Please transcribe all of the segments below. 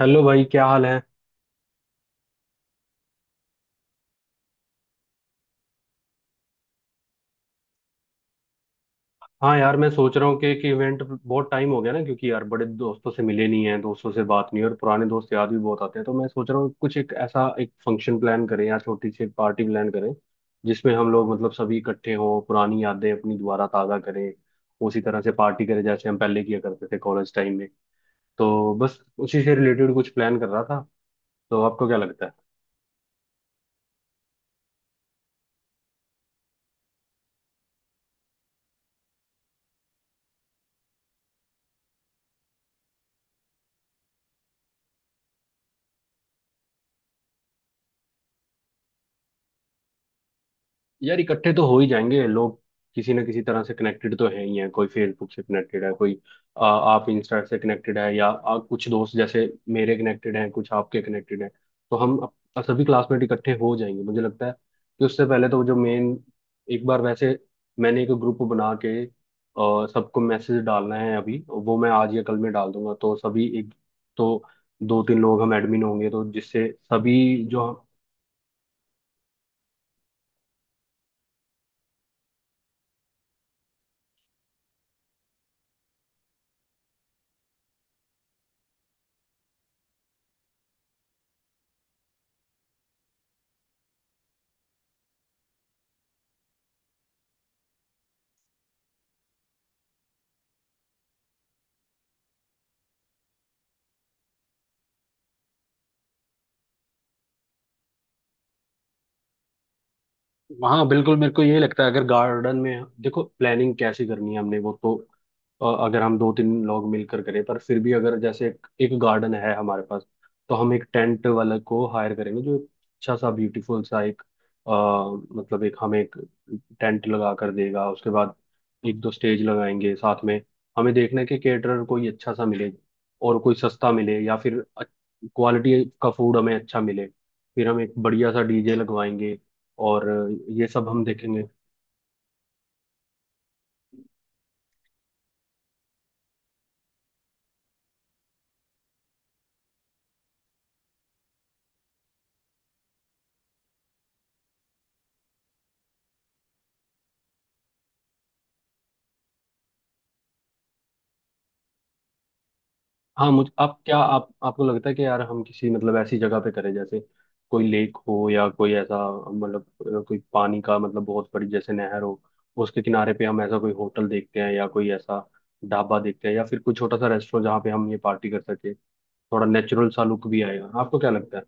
Hello भाई, क्या हाल है। हाँ यार, मैं सोच रहा हूँ कि इवेंट बहुत टाइम हो गया ना, क्योंकि यार बड़े दोस्तों से मिले नहीं हैं, दोस्तों से बात नहीं है और पुराने दोस्त याद भी बहुत आते हैं। तो मैं सोच रहा हूँ कुछ एक ऐसा एक फंक्शन प्लान करें या छोटी सी एक पार्टी प्लान करें, जिसमें हम लोग मतलब सभी इकट्ठे हों, पुरानी यादें अपनी दोबारा ताज़ा करें। उसी तरह से पार्टी करें जैसे हम पहले किया करते थे कॉलेज टाइम में। तो बस उसी से रिलेटेड कुछ प्लान कर रहा था। तो आपको क्या लगता है? यार, इकट्ठे तो हो ही जाएंगे लोग। किसी ना किसी तरह से कनेक्टेड तो है ही है, कोई फेसबुक से कनेक्टेड है, कोई आप इंस्टा से कनेक्टेड है, या कुछ दोस्त जैसे मेरे कनेक्टेड हैं, कुछ आपके कनेक्टेड हैं। तो हम सभी क्लासमेट इकट्ठे हो जाएंगे। मुझे लगता है कि उससे पहले तो जो मेन, एक बार वैसे मैंने एक ग्रुप बना के सबको मैसेज डालना है, अभी वो मैं आज या कल में डाल दूंगा, तो सभी एक, तो दो तीन लोग हम एडमिन होंगे तो जिससे सभी जो। हाँ बिल्कुल, मेरे को ये लगता है, अगर गार्डन में देखो, प्लानिंग कैसे करनी है हमने वो तो, अगर हम दो तीन लोग मिलकर करें, पर फिर भी अगर जैसे एक गार्डन है हमारे पास, तो हम एक टेंट वाले को हायर करेंगे जो अच्छा सा ब्यूटीफुल सा एक, अ, मतलब एक, हमें एक टेंट लगा कर देगा। उसके बाद एक दो स्टेज लगाएंगे साथ में। हमें देखना है कि केटरर कोई अच्छा सा मिले और कोई सस्ता मिले या फिर क्वालिटी का फूड हमें अच्छा मिले। फिर हम एक बढ़िया सा डीजे लगवाएंगे। और ये सब हम देखेंगे। हाँ, मुझे आप क्या, आप आपको लगता है कि यार हम किसी मतलब ऐसी जगह पे करें जैसे कोई लेक हो या कोई ऐसा, मतलब कोई पानी का मतलब बहुत बड़ी जैसे नहर हो, उसके किनारे पे हम ऐसा कोई होटल देखते हैं, या कोई ऐसा ढाबा देखते हैं, या फिर कोई छोटा सा रेस्टोरेंट जहाँ पे हम ये पार्टी कर सके। थोड़ा नेचुरल सा लुक भी आएगा। आपको क्या लगता है?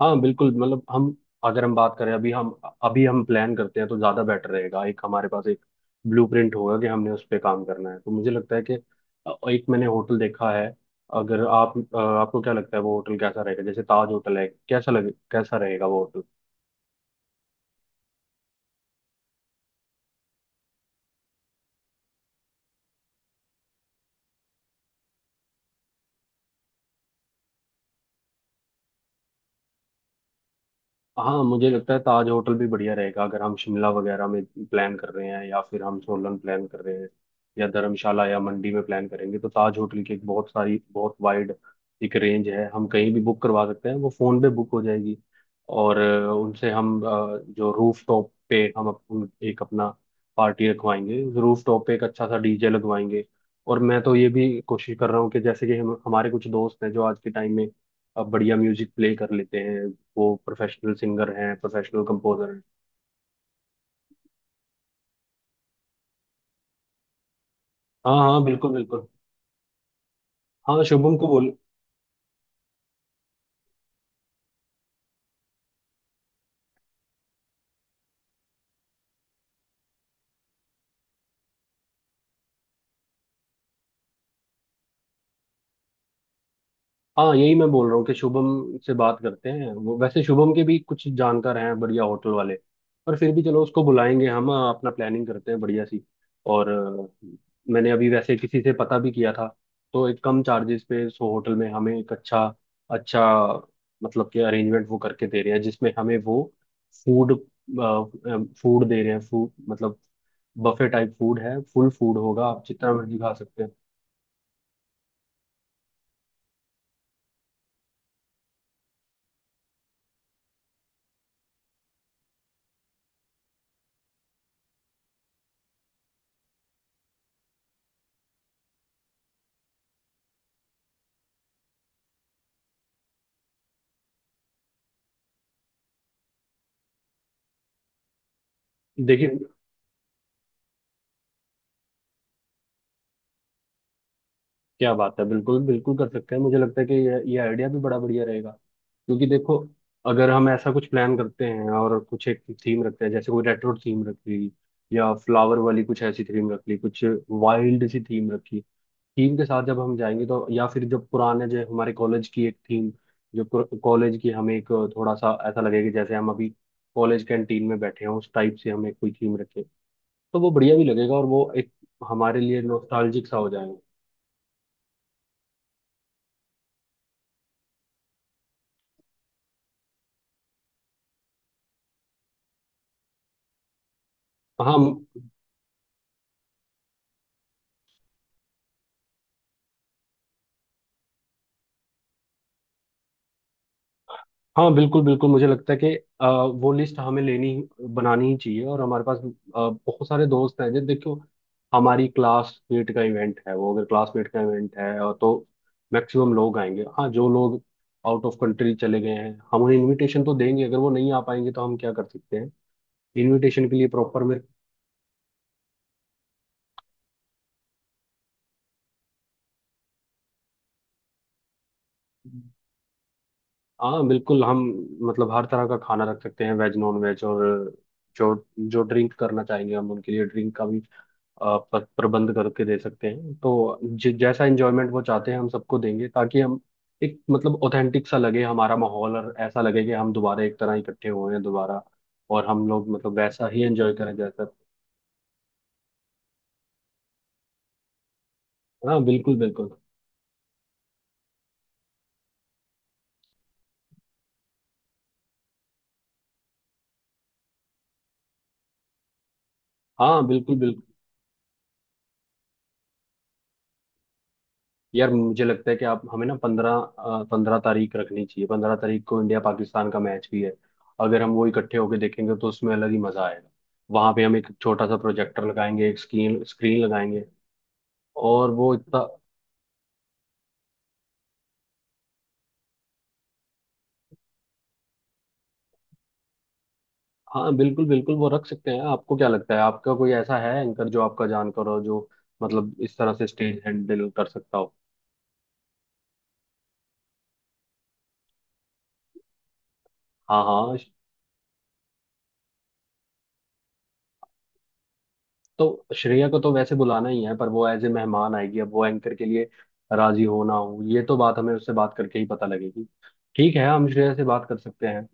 हाँ बिल्कुल, मतलब हम, अगर हम बात करें अभी हम प्लान करते हैं तो ज़्यादा बेटर रहेगा। एक हमारे पास एक ब्लूप्रिंट होगा कि हमने उस पे काम करना है। तो मुझे लगता है कि एक मैंने होटल देखा है। अगर आप, आपको क्या लगता है वो होटल कैसा रहेगा, जैसे ताज होटल है, कैसा लगे, कैसा रहेगा वो होटल? हाँ, मुझे लगता है ताज होटल भी बढ़िया रहेगा, अगर हम शिमला वगैरह में प्लान कर रहे हैं या फिर हम सोलन प्लान कर रहे हैं, या धर्मशाला या मंडी में प्लान करेंगे, तो ताज होटल की एक बहुत सारी बहुत वाइड एक रेंज है, हम कहीं भी बुक करवा सकते हैं, वो फ़ोन पे बुक हो जाएगी। और उनसे हम जो रूफ टॉप पे हम एक अपना पार्टी रखवाएंगे, रूफ टॉप पे एक अच्छा सा डीजे लगवाएंगे। और मैं तो ये भी कोशिश कर रहा हूँ कि जैसे कि हम, हमारे कुछ दोस्त हैं जो आज के टाइम में अब बढ़िया म्यूजिक प्ले कर लेते हैं, वो प्रोफेशनल सिंगर हैं, प्रोफेशनल कंपोजर हैं। हाँ हाँ, बिल्कुल बिल्कुल। हाँ, शुभम को बोल। हाँ, यही मैं बोल रहा हूँ कि शुभम से बात करते हैं, वो वैसे शुभम के भी कुछ जानकार हैं बढ़िया होटल वाले। पर फिर भी चलो उसको बुलाएंगे। हम अपना प्लानिंग करते हैं बढ़िया सी। और मैंने अभी वैसे किसी से पता भी किया था। तो एक कम चार्जेस पे सो होटल में हमें एक अच्छा, अच्छा, मतलब कि अरेंजमेंट वो करके दे रहे हैं, जिसमें हमें वो फूड, दे रहे हैं। फूड मतलब बफे टाइप फूड है, फुल फूड होगा, आप जितना मर्जी खा सकते हैं। देखिए, क्या बात है, बिल्कुल बिल्कुल कर सकते हैं। मुझे लगता है कि ये आइडिया भी बड़ा बढ़िया रहेगा, क्योंकि देखो, अगर हम ऐसा कुछ प्लान करते हैं और कुछ एक थीम रखते हैं, जैसे कोई रेट्रो थीम रख ली, या फ्लावर वाली कुछ ऐसी थीम रख ली, कुछ वाइल्ड सी थीम रखी, थीम के साथ जब हम जाएंगे तो, या फिर जब पुराने जो हमारे कॉलेज की एक थीम जो, कॉलेज की हमें एक, थोड़ा सा ऐसा लगेगा जैसे हम अभी कॉलेज कैंटीन में बैठे हैं। उस टाइप से हमें कोई थीम रखें, तो वो बढ़िया भी लगेगा, और वो एक हमारे लिए नॉस्टैल्जिक सा हो जाएगा। हाँ हाँ, बिल्कुल बिल्कुल। मुझे लगता है कि अ, वो लिस्ट हमें लेनी, बनानी ही चाहिए, और हमारे पास बहुत सारे दोस्त हैं, जब देखो हमारी क्लासमेट का इवेंट है, वो अगर क्लासमेट का इवेंट है और तो मैक्सिमम लोग आएंगे। हाँ, जो लोग आउट ऑफ कंट्री चले गए हैं, हम उन्हें इनविटेशन तो देंगे, अगर वो नहीं आ पाएंगे तो हम क्या कर सकते हैं? इनविटेशन के लिए प्रॉपर में। हाँ बिल्कुल, हम मतलब हर तरह का खाना रख सकते हैं, वेज नॉन वेज, और जो जो ड्रिंक करना चाहेंगे हम उनके लिए ड्रिंक का भी आप प्रबंध करके दे सकते हैं। तो जैसा एंजॉयमेंट वो चाहते हैं हम सबको देंगे, ताकि हम एक, मतलब ऑथेंटिक सा लगे हमारा माहौल, और ऐसा लगे कि हम दोबारा एक तरह इकट्ठे हुए हैं दोबारा, और हम लोग मतलब वैसा ही एंजॉय करें जैसा। हाँ बिल्कुल बिल्कुल। हाँ बिल्कुल बिल्कुल। यार, मुझे लगता है कि आप हमें ना पंद्रह पंद्रह तारीख रखनी चाहिए। 15 तारीख को इंडिया पाकिस्तान का मैच भी है, अगर हम वो इकट्ठे होके देखेंगे तो उसमें अलग ही मजा आएगा। वहां पे हम एक छोटा सा प्रोजेक्टर लगाएंगे, एक स्क्रीन स्क्रीन लगाएंगे। और वो इतना। हाँ बिल्कुल बिल्कुल, वो रख सकते हैं। आपको क्या लगता है, आपका कोई ऐसा है एंकर जो आपका जानकार हो, जो मतलब इस तरह से स्टेज हैंडल कर सकता हो? हाँ हाँ। तो श्रेया को तो वैसे बुलाना ही है, पर वो एज ए मेहमान आएगी, अब वो एंकर के लिए राजी हो ना हो, ये तो बात हमें उससे बात करके ही पता लगेगी। ठीक है, हम श्रेया से बात कर सकते हैं।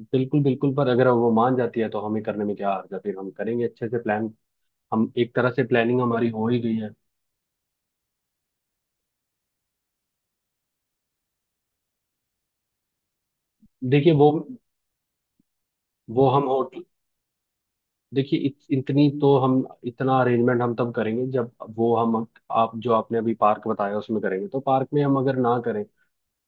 बिल्कुल बिल्कुल, पर अगर वो मान जाती है तो हमें करने में क्या हर्ज है? फिर हम करेंगे अच्छे से प्लान। हम एक तरह से प्लानिंग हमारी हो ही गई है। देखिए वो हम होटल, देखिए इतनी तो हम, इतना अरेंजमेंट हम तब करेंगे जब, वो हम, आप जो आपने अभी पार्क बताया उसमें करेंगे। तो पार्क में हम अगर ना करें,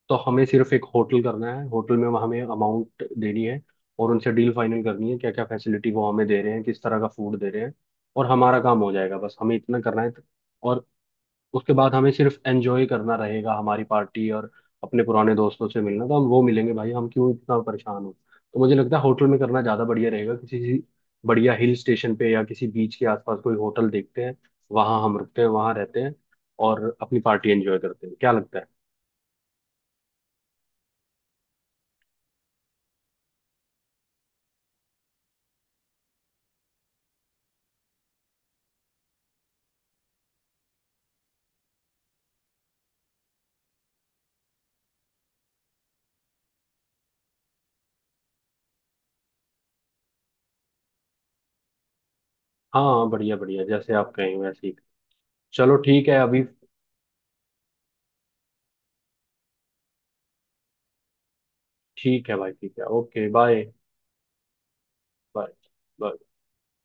तो हमें सिर्फ एक होटल करना है, होटल में हमें अमाउंट देनी है और उनसे डील फाइनल करनी है, क्या क्या फैसिलिटी वो हमें दे रहे हैं, किस तरह का फूड दे रहे हैं, और हमारा काम हो जाएगा। बस हमें इतना करना है, तो, और उसके बाद हमें सिर्फ एंजॉय करना रहेगा हमारी पार्टी, और अपने पुराने दोस्तों से मिलना, तो हम वो मिलेंगे। भाई, हम क्यों इतना परेशान हो? तो मुझे लगता है होटल में करना ज़्यादा बढ़िया रहेगा, किसी बढ़िया हिल स्टेशन पे या किसी बीच के आसपास कोई होटल देखते हैं, वहाँ हम रुकते हैं, वहाँ रहते हैं और अपनी पार्टी एंजॉय करते हैं। क्या लगता है? हाँ बढ़िया बढ़िया, जैसे आप कहें वैसे ही। चलो ठीक है अभी। ठीक है भाई, ठीक है, ओके, बाय। बाय।